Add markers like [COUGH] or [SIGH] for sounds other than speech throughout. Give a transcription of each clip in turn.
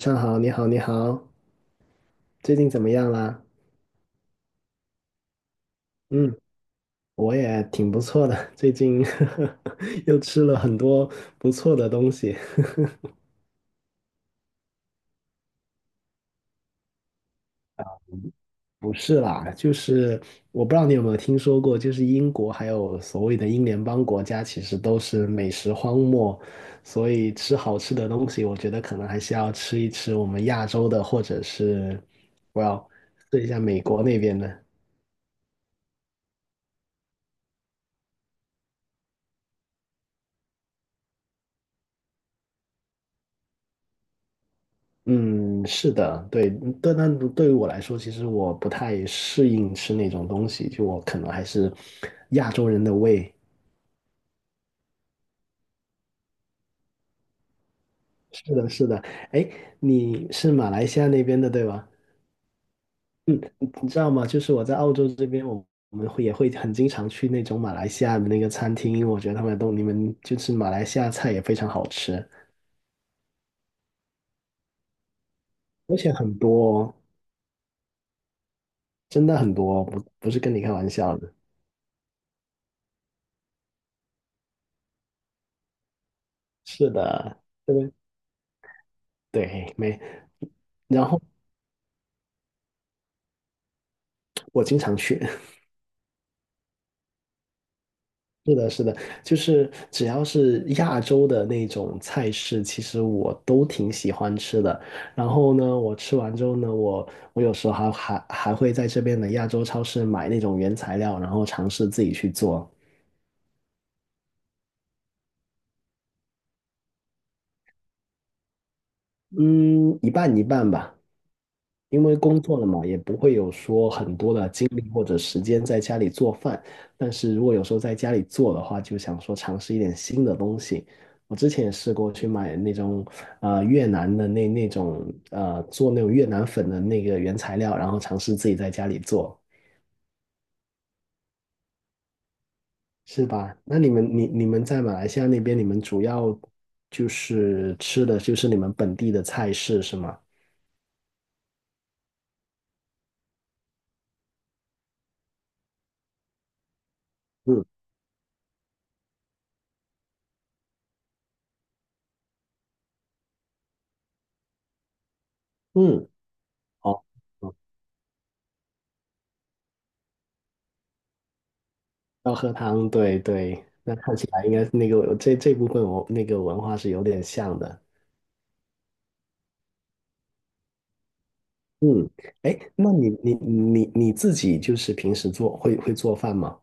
上好，你好，你好，最近怎么样啦？嗯，我也挺不错的，最近 [LAUGHS] 又吃了很多不错的东西。不是啦，就是我不知道你有没有听说过，就是英国还有所谓的英联邦国家，其实都是美食荒漠，所以吃好吃的东西，我觉得可能还是要吃一吃我们亚洲的，或者是我要试一下美国那边的。嗯，是的，对，但对于我来说，其实我不太适应吃那种东西，就我可能还是亚洲人的胃。是的，是的，哎，你是马来西亚那边的，对吧？嗯，你知道吗？就是我在澳洲这边，我们会也会很经常去那种马来西亚的那个餐厅，因为我觉得他们都你们就是马来西亚菜也非常好吃，而且很多哦，真的很多哦，不是跟你开玩笑的。是的，对对，没。然后我经常去，是的，是的，就是只要是亚洲的那种菜式，其实我都挺喜欢吃的。然后呢，我吃完之后呢，我有时候还会在这边的亚洲超市买那种原材料，然后尝试自己去做。嗯，一半一半吧。因为工作了嘛，也不会有说很多的精力或者时间在家里做饭。但是如果有时候在家里做的话，就想说尝试一点新的东西。我之前也试过去买那种越南的那种做那种越南粉的那个原材料，然后尝试自己在家里做，是吧？那你们你们在马来西亚那边，你们主要就是吃的就是你们本地的菜式是吗？嗯嗯，哦。要喝汤，对对，那看起来应该是那个这部分我那个文化是有点像的。嗯，哎，那你自己就是平时做会会做饭吗？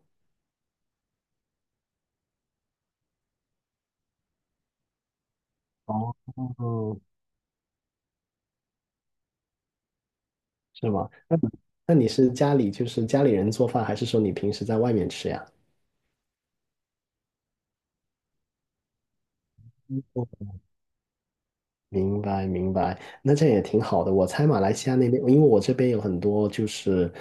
哦，是吗？那你是家里就是家里人做饭，还是说你平时在外面吃呀？哦，明白明白，那这样也挺好的。我猜马来西亚那边，因为我这边有很多就是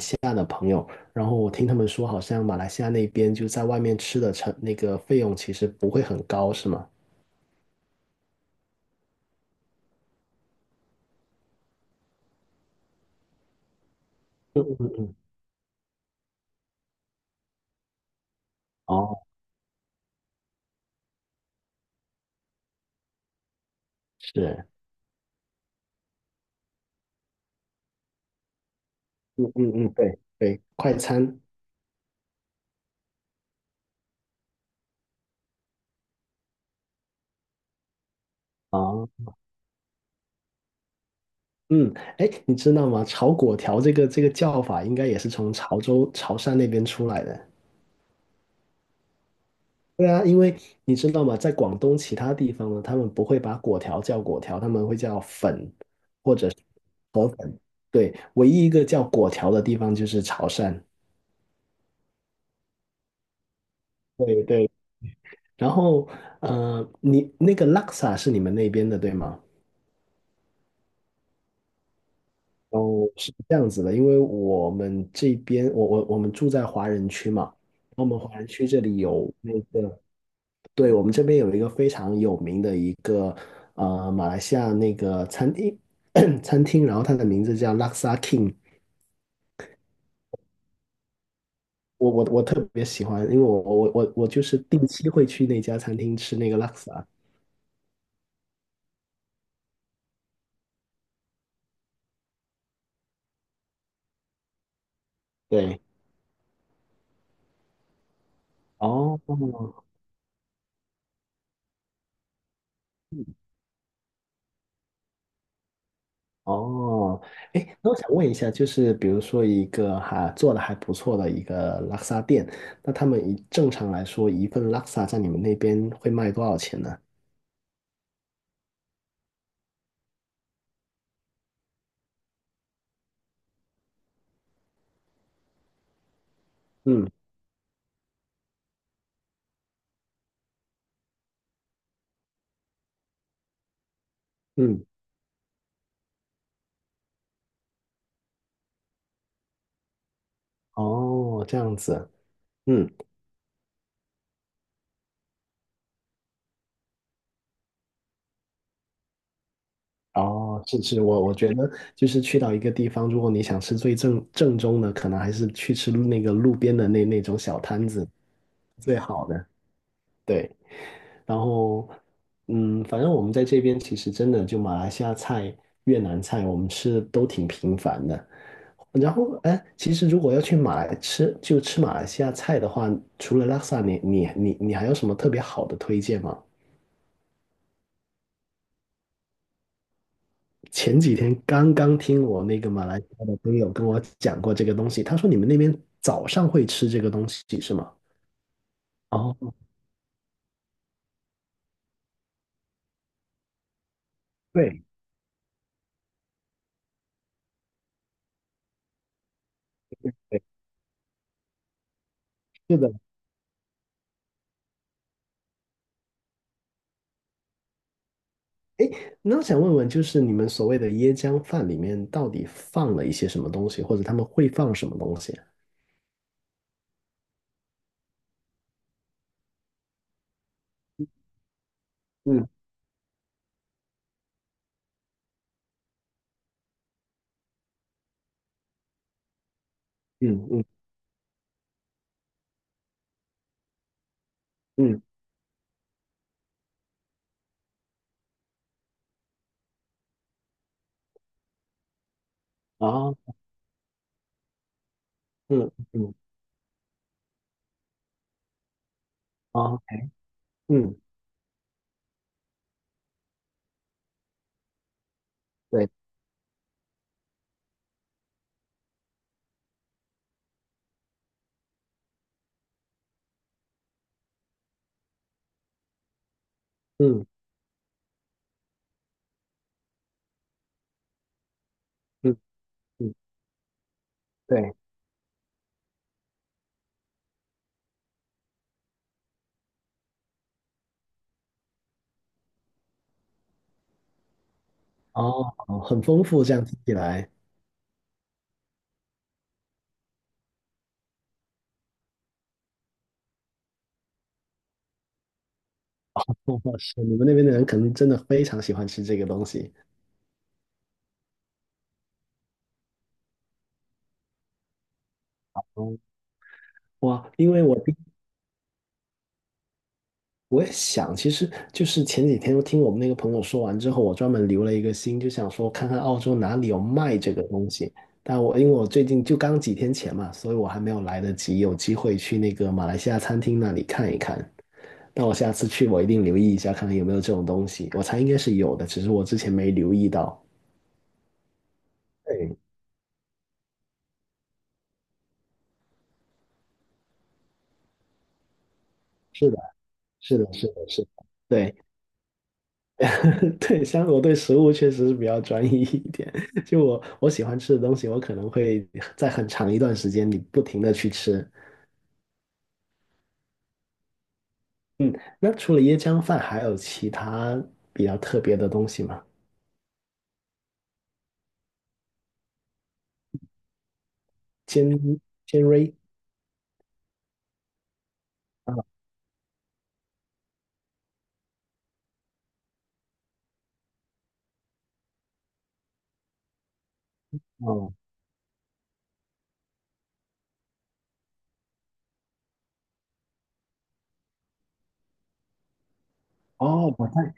西亚的朋友，然后我听他们说，好像马来西亚那边就在外面吃的成那个费用其实不会很高，是吗？哦，是，嗯嗯，嗯，对对，快餐。哦，嗯，哎，你知道吗？炒粿条这个叫法应该也是从潮州、潮汕那边出来的。对啊，因为你知道吗？在广东其他地方呢，他们不会把粿条叫粿条，他们会叫粉或者是河粉。对，唯一一个叫粿条的地方就是潮汕。对对。然后，呃，你那个拉萨是你们那边的，对吗？哦，是这样子的，因为我们这边，我们住在华人区嘛，我们华人区这里有那个，对，我们这边有一个非常有名的一个马来西亚那个餐厅 [COUGHS] [CLEARS THROAT] 餐厅，然后它的名字叫 Laksa King，我特别喜欢，因为我就是定期会去那家餐厅吃那个 Laksa，对，哦，哦，哎，那我想问一下，就是比如说一个哈、做的还不错的一个拉萨店，那他们一正常来说一份拉萨在你们那边会卖多少钱呢？嗯嗯，哦，这样子，嗯，哦，是是，我觉得就是去到一个地方，如果你想吃最正宗的，可能还是去吃那个路边的那种小摊子最好的，对。然后，嗯，反正我们在这边其实真的就马来西亚菜、越南菜，我们吃的都挺频繁的。然后，哎，其实如果要去马来吃，就吃马来西亚菜的话，除了拉萨，你还有什么特别好的推荐吗？前几天刚刚听我那个马来西亚的朋友跟我讲过这个东西，他说你们那边早上会吃这个东西是吗？哦，对对，是的。那我想问问，就是你们所谓的椰浆饭里面到底放了一些什么东西，或者他们会放什么东西？嗯，嗯，嗯，嗯，啊，嗯，嗯，啊，嗯，对，嗯，嗯，嗯，对。哦，很丰富，这样听起来。哦，是你们那边的人可能真的非常喜欢吃这个东西。哦，哇，因为我听我也想，其实就是前几天我听我们那个朋友说完之后，我专门留了一个心，就想说看看澳洲哪里有卖这个东西。但我因为我最近就刚几天前嘛，所以我还没有来得及有机会去那个马来西亚餐厅那里看一看。但我下次去，我一定留意一下，看看有没有这种东西。我猜应该是有的，只是我之前没留意到。对，是的，是的，是的，是的。对，[LAUGHS] 对，像我对食物确实是比较专一一点。[LAUGHS] 就我喜欢吃的东西，我可能会在很长一段时间里不停的去吃。嗯，那除了椰浆饭，还有其他比较特别的东西吗？尖尖锐啊，哦哦，我在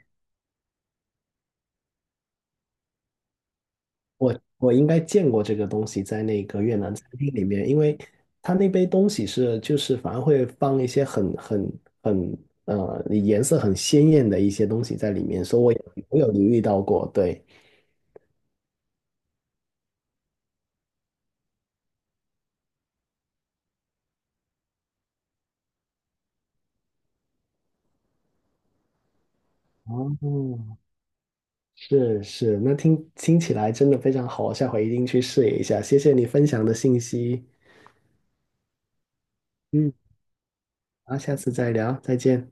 我应该见过这个东西在那个越南餐厅里面，因为它那杯东西是就是反而会放一些很很呃颜色很鲜艳的一些东西在里面，所以我有留意到过，对。哦，是是，那听起来真的非常好，我下回一定去试一下。谢谢你分享的信息，嗯，好，下次再聊，再见。